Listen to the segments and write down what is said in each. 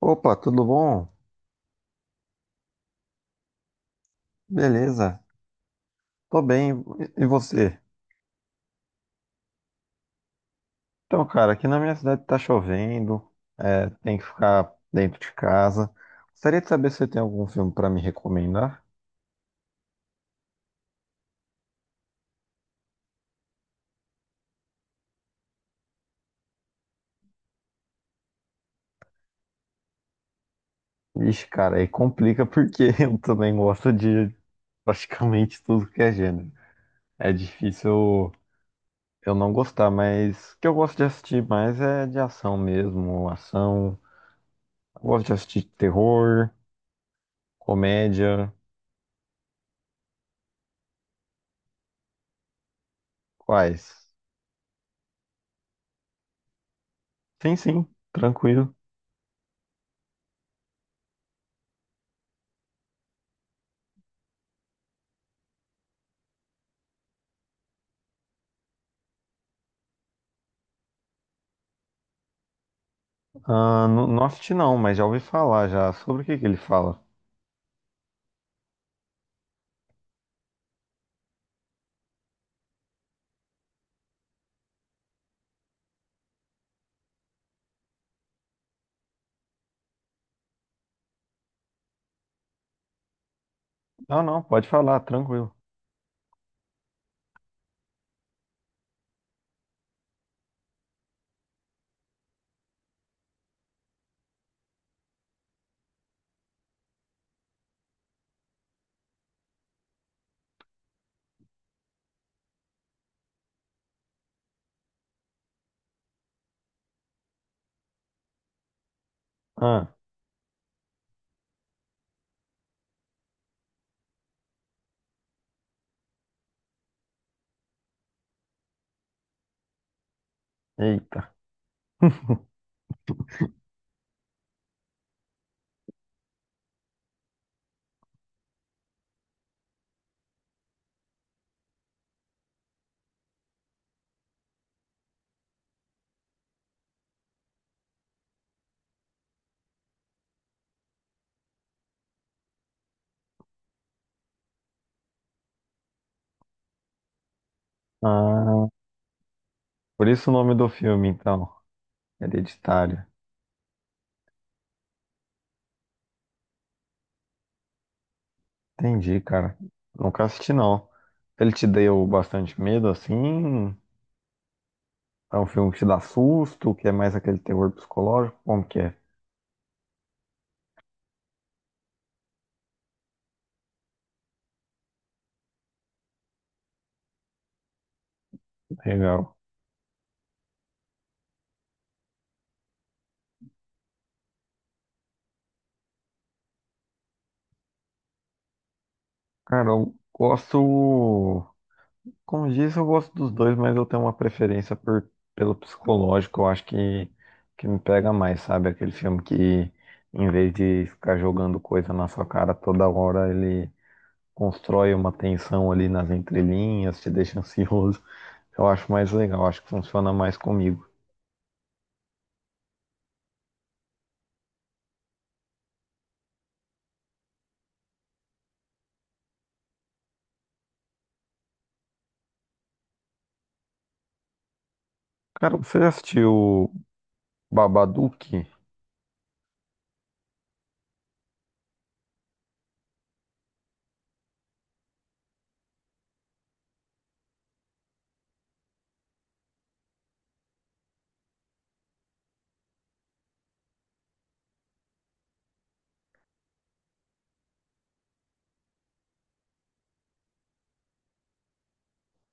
Opa, tudo bom? Beleza, tô bem. E você? Então, cara, aqui na minha cidade tá chovendo, é, tem que ficar dentro de casa. Gostaria de saber se você tem algum filme pra me recomendar. Ixi, cara, aí complica porque eu também gosto de praticamente tudo que é gênero. É difícil eu não gostar, mas o que eu gosto de assistir mais é de ação mesmo, ação. Eu gosto de assistir terror, comédia. Quais? Sim, sim, tranquilo. Ah, no Noft não, mas já ouvi falar já. Sobre o que ele fala? Não, não, pode falar, tranquilo. Ah, eita. Ah, por isso o nome do filme, então. Hereditário. Entendi, cara. Nunca assisti, não. Ele te deu bastante medo, assim? É um filme que te dá susto, que é mais aquele terror psicológico? Como que é? Legal. Cara, eu gosto. Como diz, eu gosto dos dois, mas eu tenho uma preferência pelo psicológico. Eu acho que me pega mais, sabe? Aquele filme que, em vez de ficar jogando coisa na sua cara toda hora, ele constrói uma tensão ali nas entrelinhas, te deixa ansioso. Eu acho mais legal, acho que funciona mais comigo. Cara, você já assistiu Babadook?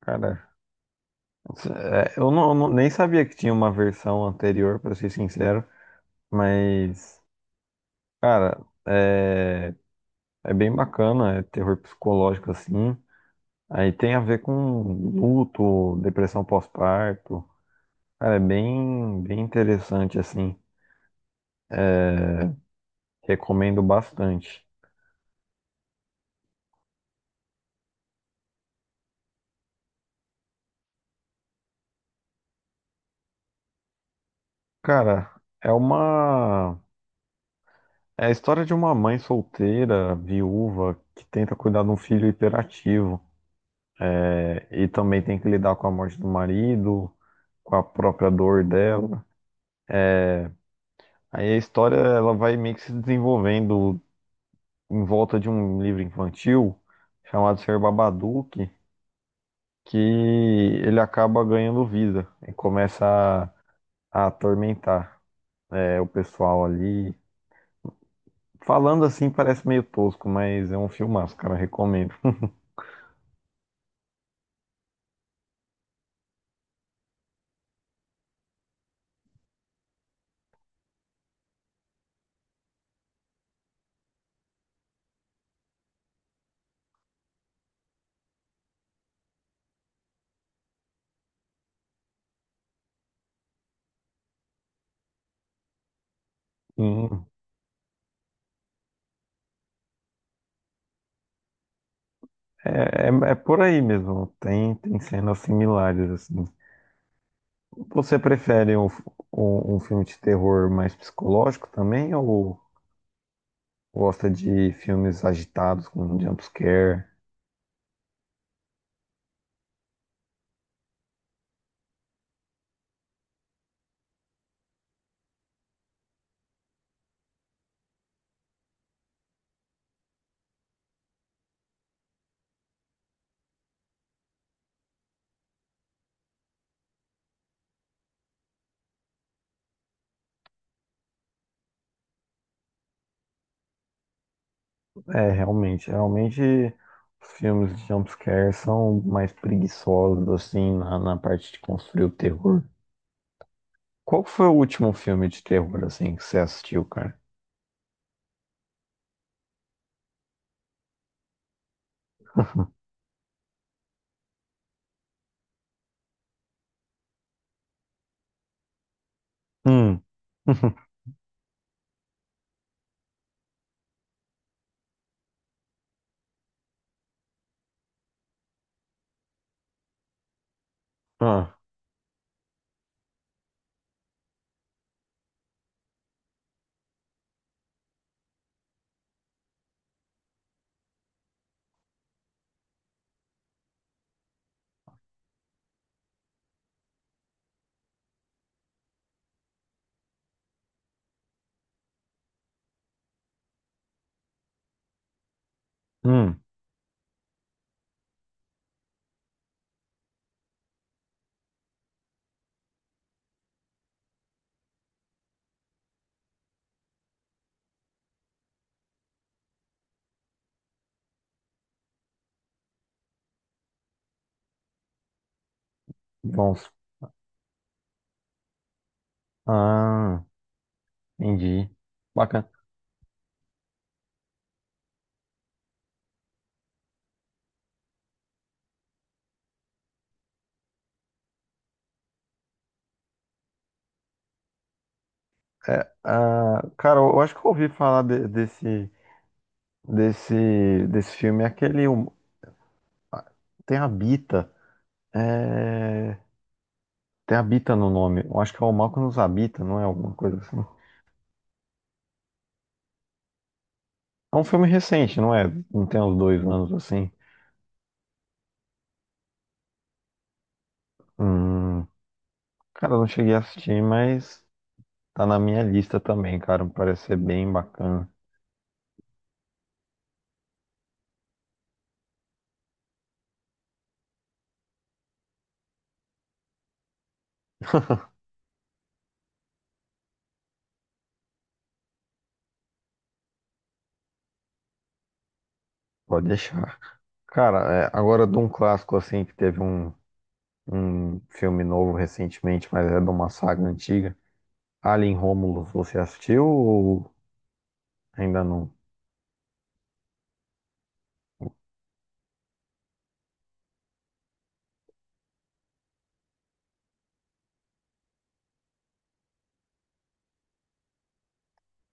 Cara, é, eu não- nem sabia que tinha uma versão anterior, pra ser sincero, mas, cara. É... É bem bacana, é terror psicológico assim. Aí tem a ver com luto, depressão pós-parto. Cara, é bem interessante assim. Recomendo bastante. Cara, é uma é a história de uma mãe solteira, viúva, que tenta cuidar de um filho hiperativo. É, e também tem que lidar com a morte do marido, com a própria dor dela. Aí a história ela vai meio que se desenvolvendo em volta de um livro infantil chamado Sr. Babadook, que ele acaba ganhando vida e começa a atormentar é, o pessoal ali. Falando assim parece meio tosco, mas é um filmaço, cara, recomendo. Sim, é, é por aí mesmo, tem cenas similares assim. Você prefere um filme de terror mais psicológico também ou gosta de filmes agitados com jump scare? É, realmente os filmes de jumpscare são mais preguiçosos, assim, na parte de construir o terror. Qual que foi o último filme de terror, assim, que você assistiu, cara? Hum. Ah, hum, bons. Ah, entendi. Bacana. É, ah, cara, eu acho que eu ouvi falar de- desse filme, é aquele, ah, tem Habita, é, tem Habita no nome, eu acho que é o Mal que nos habita, não é alguma coisa assim? É um filme recente, não é? Não tem uns dois anos assim. Hum, cara, eu não cheguei a assistir, mas tá na minha lista também, cara. Parece ser bem bacana. Pode deixar. Cara, é, agora de um clássico assim, que teve um filme novo recentemente, mas é de uma saga antiga. Alien Romulus, você assistiu ou ainda não?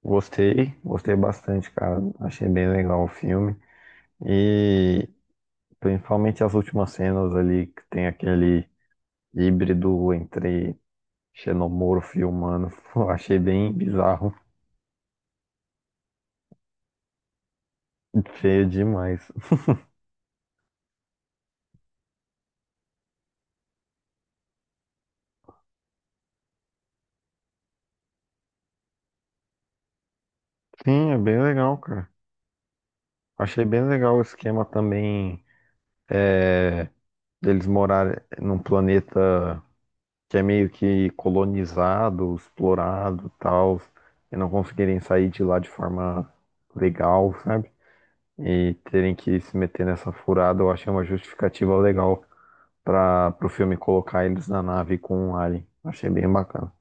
Gostei, gostei bastante, cara. Achei bem legal o filme. E principalmente as últimas cenas ali, que tem aquele híbrido entre Xenomorfo e humano. Pô, achei bem bizarro. Feio demais. Sim, é bem legal, cara. Achei bem legal o esquema também é, deles morarem num planeta que é meio que colonizado, explorado, tal, e não conseguirem sair de lá de forma legal, sabe? E terem que se meter nessa furada, eu achei uma justificativa legal para o filme colocar eles na nave com um alien. Achei bem bacana.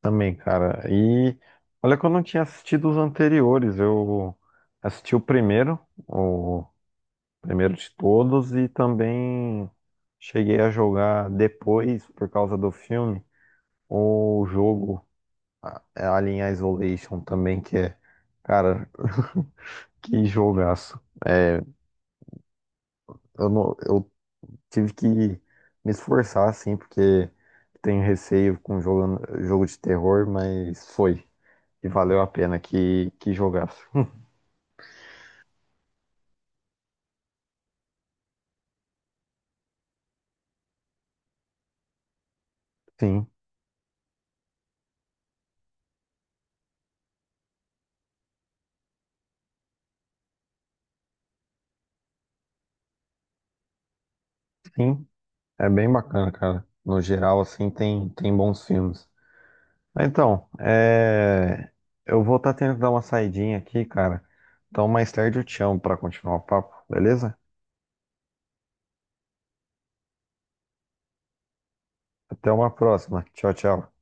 Também, cara. E olha que eu não tinha assistido os anteriores. Eu assisti o primeiro de todos, e também cheguei a jogar depois, por causa do filme, o jogo a- é Alien Isolation também, que é, cara, que jogaço. É, eu não, eu tive que me esforçar, assim, porque tenho receio com jogo de terror, mas foi. Que valeu a pena que jogasse. Sim, sim. É bem bacana, cara. No geral, assim, tem bons filmes. Então, é... eu vou estar tendo que dar uma saidinha aqui, cara. Então, mais tarde eu te chamo para continuar o papo, beleza? Até uma próxima. Tchau, tchau.